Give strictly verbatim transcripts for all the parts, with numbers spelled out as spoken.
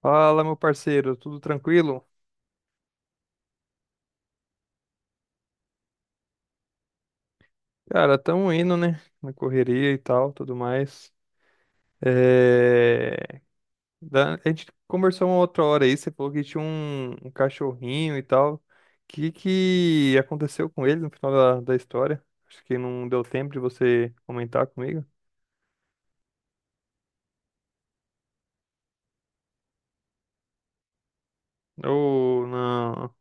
Fala, meu parceiro, tudo tranquilo? Cara, tamo indo, né? Na correria e tal, tudo mais. É... da- A gente conversou uma outra hora aí, você falou que tinha um, um cachorrinho e tal. O que que aconteceu com ele no final da, da história? Acho que não deu tempo de você comentar comigo. Ou não?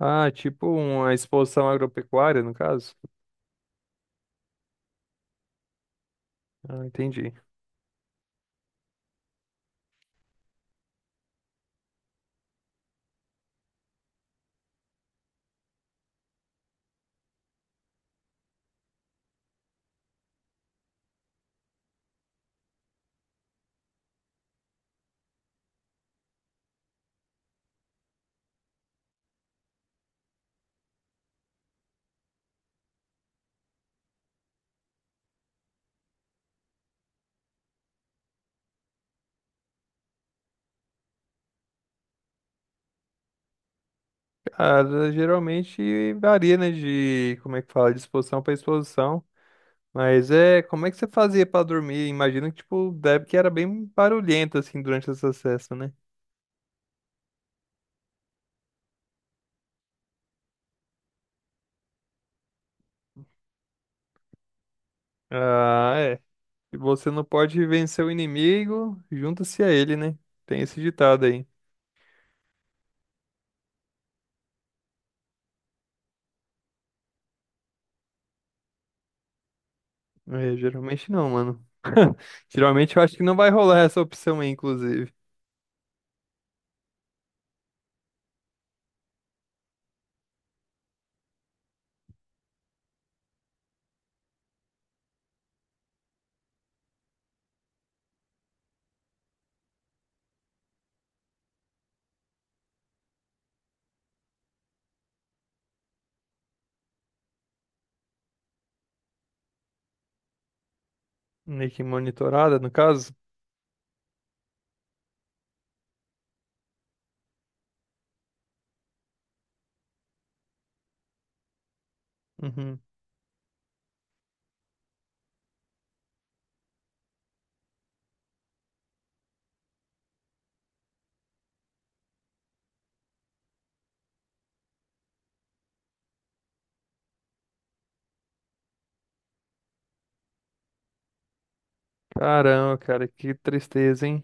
Ah, tipo uma exposição agropecuária, no caso? Ah, entendi. Cara, geralmente varia, né, de como é que fala, de exposição para exposição. Mas é, como é que você fazia pra dormir? Imagino que, tipo, deve que era bem barulhento, assim, durante esse acesso, né? Ah, é. Se você não pode vencer o inimigo, junta-se a ele, né? Tem esse ditado aí. É, geralmente não, mano. Geralmente eu acho que não vai rolar essa opção aí, inclusive. Meio que monitorada, no caso. Uhum. Caramba, cara, que tristeza, hein?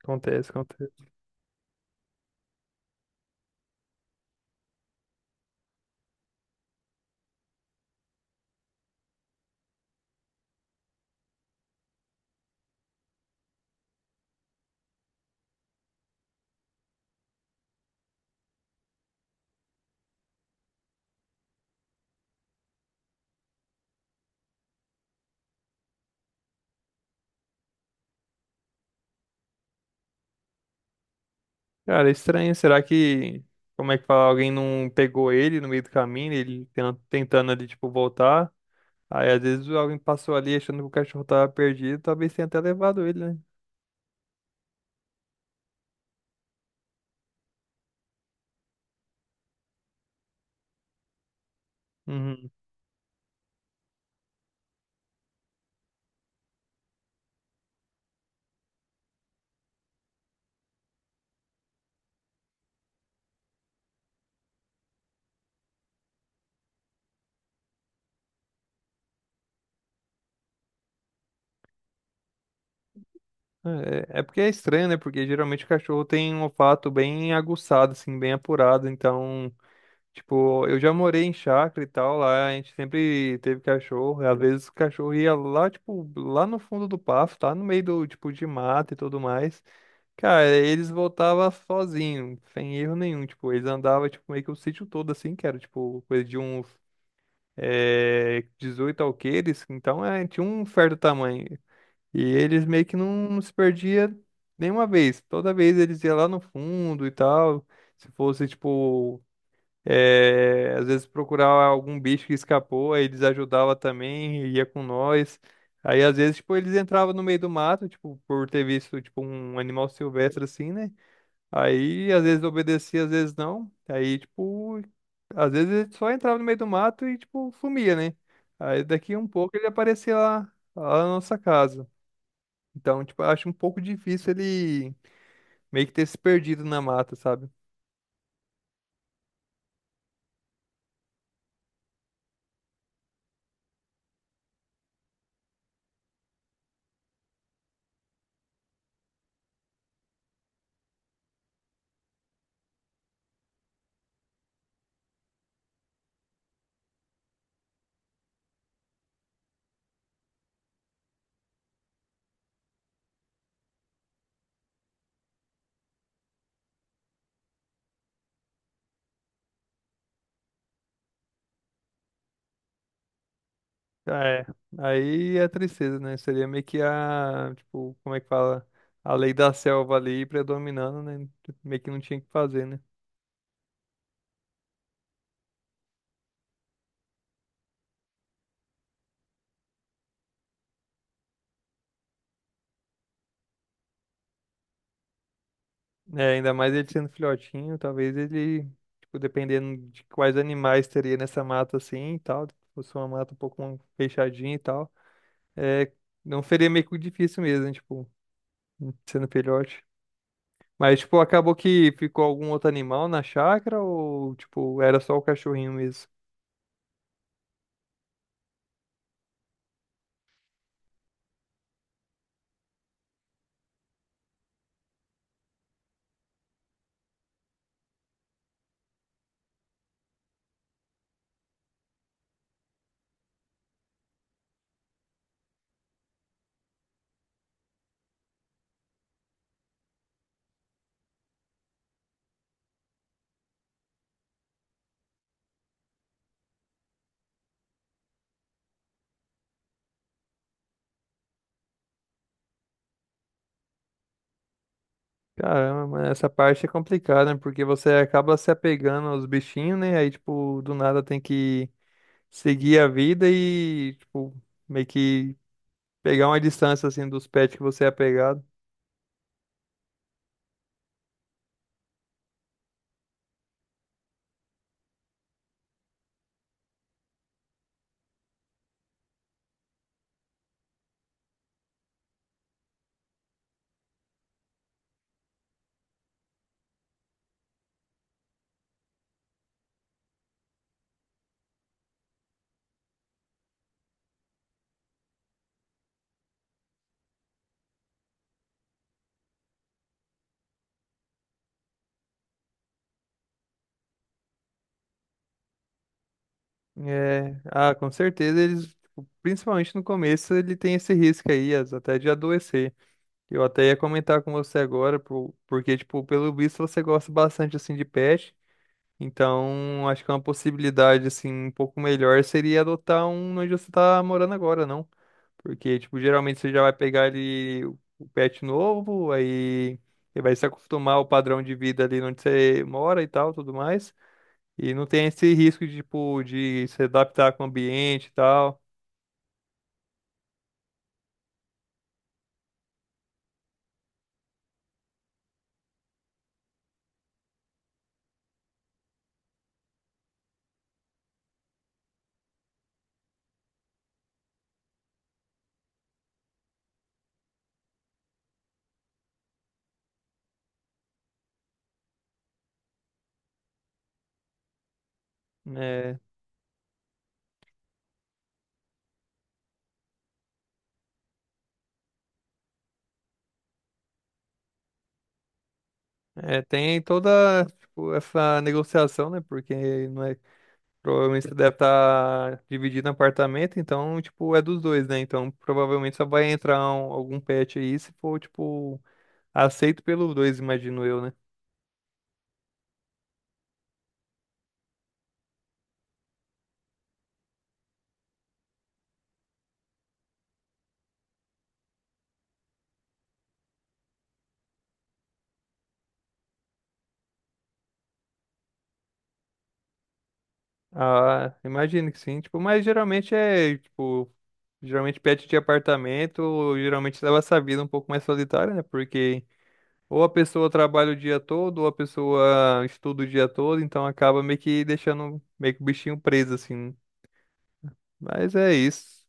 Acontece, acontece. Cara, é estranho. Será que, como é que fala, alguém não pegou ele no meio do caminho, ele ten- tentando ali, tipo, voltar? Aí, às vezes, alguém passou ali achando que o cachorro tava perdido, talvez tenha até levado ele, né? Uhum. É, é porque é estranho, né? Porque geralmente o cachorro tem um olfato bem aguçado, assim, bem apurado. Então, tipo, eu já morei em chácara e tal, lá a gente sempre teve cachorro. E às vezes o cachorro ia lá, tipo, lá no fundo do pasto, tá no meio do, tipo, de mata e tudo mais. Cara, eles voltavam sozinhos, sem erro nenhum. Tipo, eles andavam tipo, meio que o sítio todo assim, que era tipo coisa de uns é, dezoito alqueires, então é, tinha um certo tamanho. E eles meio que não se perdia nenhuma vez. Toda vez eles iam lá no fundo e tal. Se fosse, tipo, é, às vezes procurar algum bicho que escapou, aí eles ajudavam também, ia com nós. Aí às vezes, tipo, eles entravam no meio do mato, tipo, por ter visto, tipo, um animal silvestre assim, né? Aí, às vezes obedecia, às vezes não. Aí, tipo, às vezes ele só entrava no meio do mato e, tipo, sumia, né? Aí daqui a um pouco ele aparecia lá, lá na nossa casa. Então, tipo, eu acho um pouco difícil ele meio que ter se perdido na mata, sabe? É. Aí é tristeza, né? Seria meio que a, tipo, como é que fala? A lei da selva ali predominando, né? Meio que não tinha o que fazer, né? É, ainda mais ele sendo filhotinho, talvez ele, tipo, dependendo de quais animais teria nessa mata assim e tal, se fosse uma mata um pouco fechadinha e tal, é, não seria meio que difícil mesmo, né, tipo, sendo filhote. Mas, tipo, acabou que ficou algum outro animal na chácara ou, tipo, era só o cachorrinho mesmo? Caramba, mas essa parte é complicada, né? Porque você acaba se apegando aos bichinhos, né? Aí, tipo, do nada tem que seguir a vida e, tipo, meio que pegar uma distância assim dos pets que você é apegado. É, ah, com certeza eles, tipo, principalmente no começo, ele tem esse risco aí, as- até de adoecer. Eu até ia comentar com você agora, por- porque, tipo, pelo visto você gosta bastante, assim, de pet, então acho que uma possibilidade, assim, um pouco melhor seria adotar um onde você tá morando agora, não? Porque, tipo, geralmente você já vai pegar ali o o pet novo, aí você vai se acostumar ao padrão de vida ali onde você mora e tal, tudo mais. E não tem esse risco de, tipo, de se adaptar com o ambiente e tal, né? É, tem toda, tipo, essa negociação, né? Porque não é, provavelmente você deve estar dividindo apartamento, então, tipo, é dos dois, né? Então, provavelmente só vai entrar um- algum pet aí se for, tipo, aceito pelos dois, imagino eu, né? Ah, imagino que sim, tipo, mas geralmente é, tipo, geralmente pet de apartamento, geralmente leva essa vida um pouco mais solitária, né? Porque ou a pessoa trabalha o dia todo, ou a pessoa estuda o dia todo, então acaba meio que deixando meio que o bichinho preso, assim, né? Mas é isso.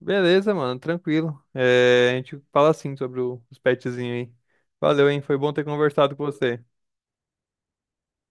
Beleza, mano, tranquilo. É, a gente fala assim sobre o- os petzinhos aí. Valeu, hein? Foi bom ter conversado com você.